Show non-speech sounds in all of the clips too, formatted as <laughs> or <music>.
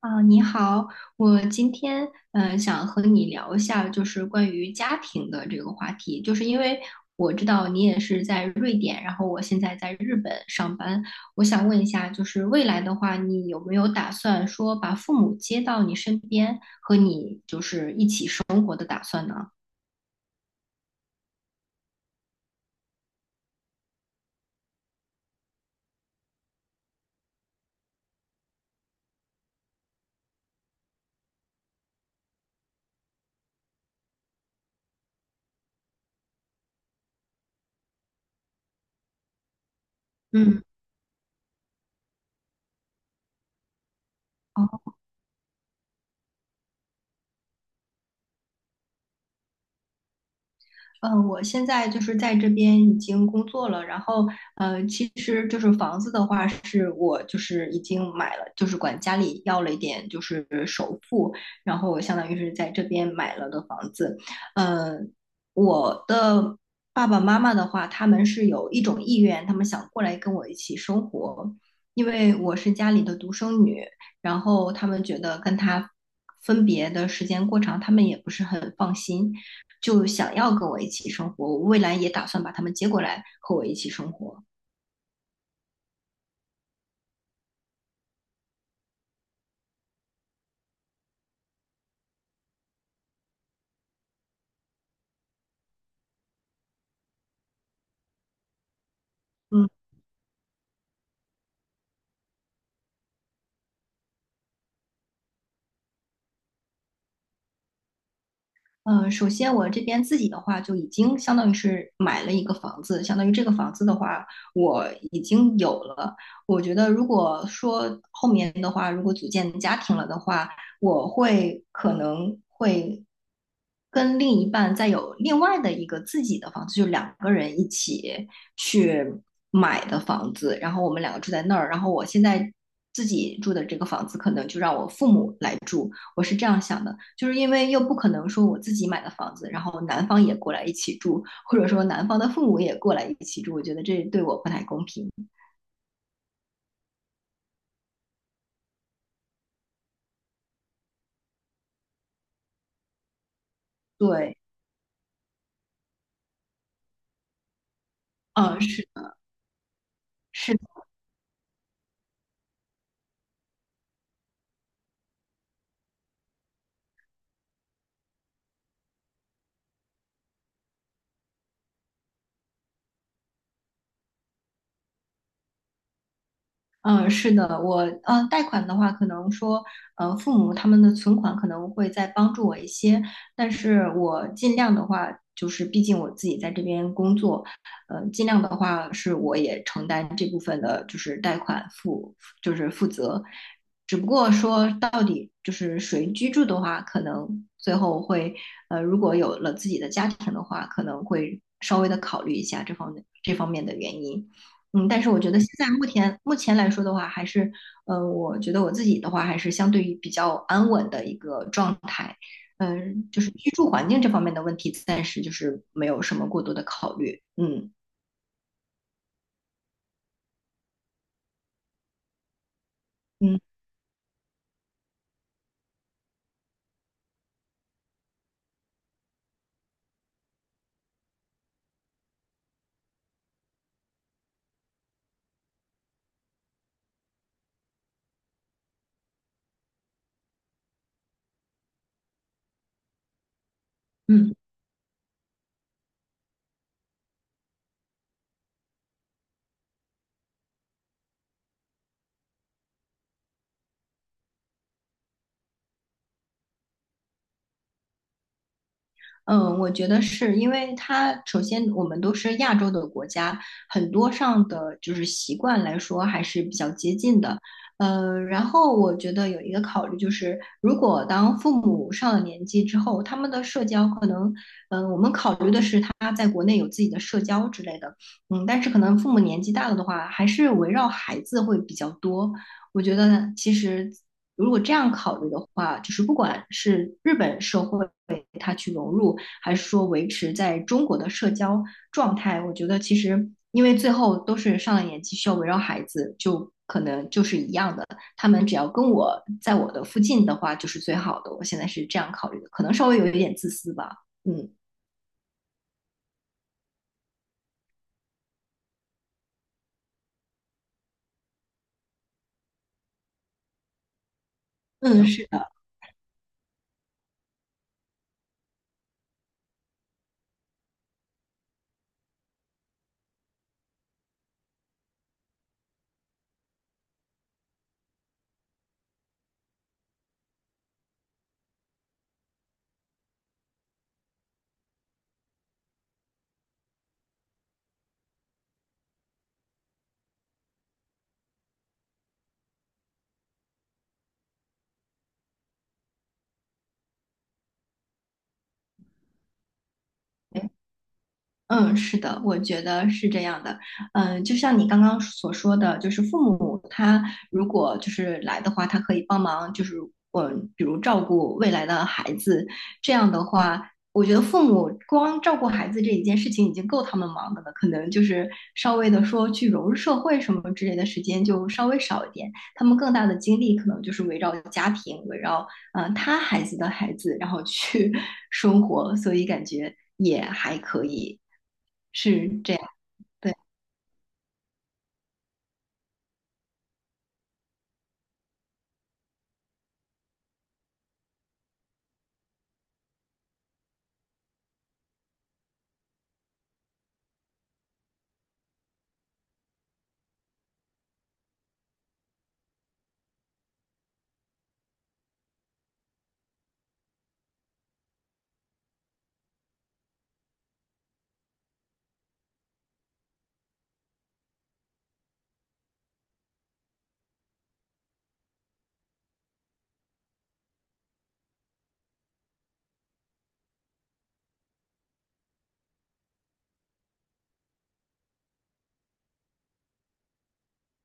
啊，你好，我今天想和你聊一下，就是关于家庭的这个话题，就是因为我知道你也是在瑞典，然后我现在在日本上班，我想问一下，就是未来的话，你有没有打算说把父母接到你身边，和你就是一起生活的打算呢？嗯，哦嗯，我现在就是在这边已经工作了，然后其实就是房子的话，是我就是已经买了，就是管家里要了一点就是首付，然后我相当于是在这边买了的房子。呃，我的爸爸妈妈的话，他们是有一种意愿，他们想过来跟我一起生活，因为我是家里的独生女，然后他们觉得跟他分别的时间过长，他们也不是很放心。就想要跟我一起生活，我未来也打算把他们接过来和我一起生活。嗯，首先我这边自己的话，就已经相当于是买了一个房子，相当于这个房子的话，我已经有了。我觉得如果说后面的话，如果组建家庭了的话，我可能会跟另一半再有另外的一个自己的房子，就两个人一起去买的房子，然后我们两个住在那儿，然后我现在自己住的这个房子，可能就让我父母来住。我是这样想的，就是因为又不可能说我自己买的房子，然后男方也过来一起住，或者说男方的父母也过来一起住，我觉得这对我不太公平。对，嗯，是的是。嗯，是的，我贷款的话，可能说，父母他们的存款可能会再帮助我一些，但是我尽量的话，就是毕竟我自己在这边工作，尽量的话是我也承担这部分的，就是贷款负，就是负责，只不过说到底就是谁居住的话，可能最后会，如果有了自己的家庭的话，可能会稍微的考虑一下这方面的原因。嗯，但是我觉得现在目前来说的话，还是，我觉得我自己的话，还是相对于比较安稳的一个状态，就是居住环境这方面的问题，暂时就是没有什么过多的考虑，嗯嗯。嗯，我觉得是因为它首先我们都是亚洲的国家，很多上的就是习惯来说还是比较接近的。然后我觉得有一个考虑就是，如果当父母上了年纪之后，他们的社交可能，我们考虑的是他在国内有自己的社交之类的，嗯，但是可能父母年纪大了的话，还是围绕孩子会比较多。我觉得其实如果这样考虑的话，就是不管是日本社会他去融入。还是说维持在中国的社交状态，我觉得其实因为最后都是上了年纪，需要围绕孩子，就可能就是一样的。他们只要跟我在我的附近的话，就是最好的。我现在是这样考虑的，可能稍微有一点自私吧。嗯嗯，是的，嗯，是的，我觉得是这样的。嗯，就像你刚刚所说的，就是父母他如果就是来的话，他可以帮忙，就是嗯，比如照顾未来的孩子。这样的话，我觉得父母光照顾孩子这一件事情已经够他们忙的了，可能就是稍微的说去融入社会什么之类的时间就稍微少一点。他们更大的精力可能就是围绕家庭，围绕他孩子的孩子，然后去 <laughs> 生活，所以感觉也还可以。是这样，对，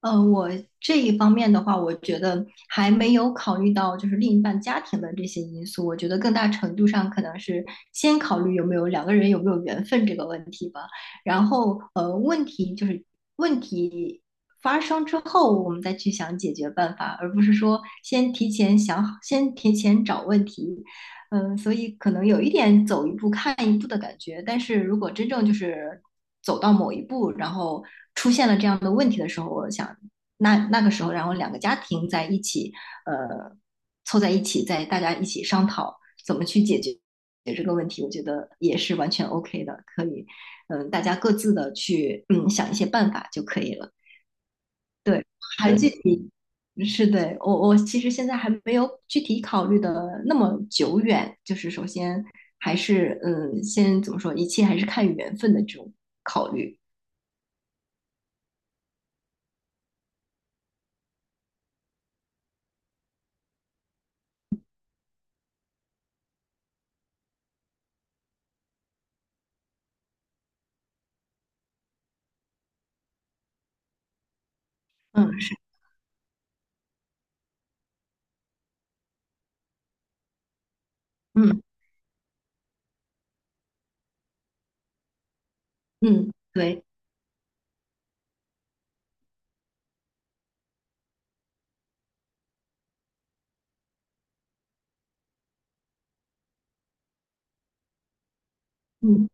我这一方面的话，我觉得还没有考虑到就是另一半家庭的这些因素，我觉得更大程度上可能是先考虑有没有两个人有没有缘分这个问题吧，然后问题发生之后，我们再去想解决办法，而不是说先提前想好，先提前找问题，嗯，所以可能有一点走一步看一步的感觉，但是如果真正就是走到某一步，然后出现了这样的问题的时候，我想那个时候，然后两个家庭在一起，呃，凑在一起，在大家一起商讨怎么去解决这个问题，我觉得也是完全 OK 的，可以，嗯，大家各自的去嗯想一些办法就可以了。对，还具是体嗯是对我我其实现在还没有具体考虑的那么久远，就是首先还是嗯，先怎么说，一切还是看缘分的这种考虑。嗯是嗯嗯，对，嗯。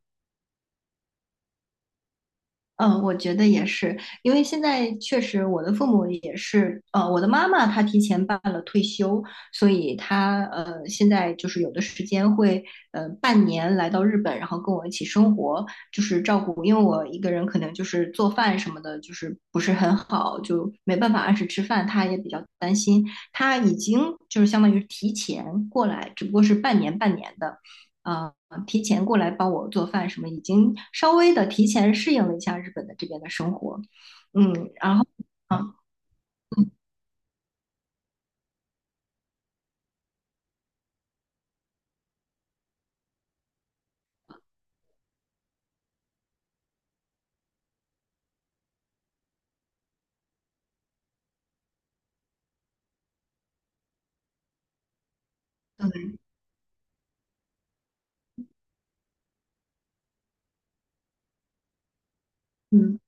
嗯，我觉得也是，因为现在确实我的父母也是，我的妈妈她提前办了退休，所以她现在就是有的时间会半年来到日本，然后跟我一起生活，就是照顾，因为我一个人可能就是做饭什么的，就是不是很好，就没办法按时吃饭，她也比较担心，她已经就是相当于提前过来，只不过是半年半年的。提前过来帮我做饭什么，已经稍微的提前适应了一下日本的这边的生活。嗯，然后啊，对，嗯。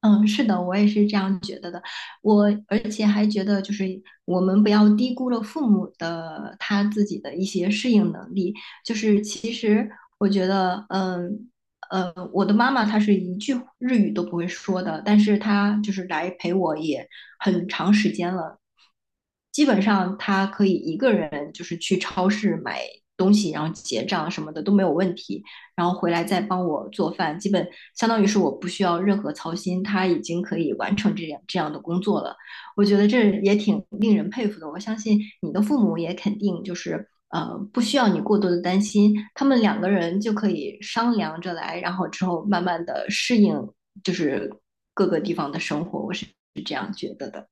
嗯，是的，我也是这样觉得的。我而且还觉得，就是我们不要低估了父母的他自己的一些适应能力。就是其实我觉得，我的妈妈她是一句日语都不会说的，但是她就是来陪我也很长时间了。基本上她可以一个人就是去超市买东西，然后结账什么的都没有问题。然后回来再帮我做饭，基本相当于是我不需要任何操心，他已经可以完成这样的工作了。我觉得这也挺令人佩服的。我相信你的父母也肯定就是不需要你过多的担心，他们两个人就可以商量着来，然后之后慢慢的适应就是各个地方的生活。我是这样觉得的。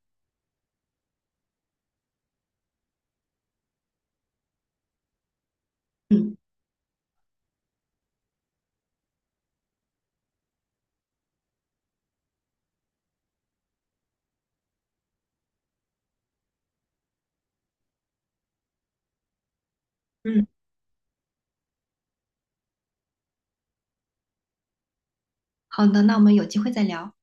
嗯嗯，好的，那我们有机会再聊。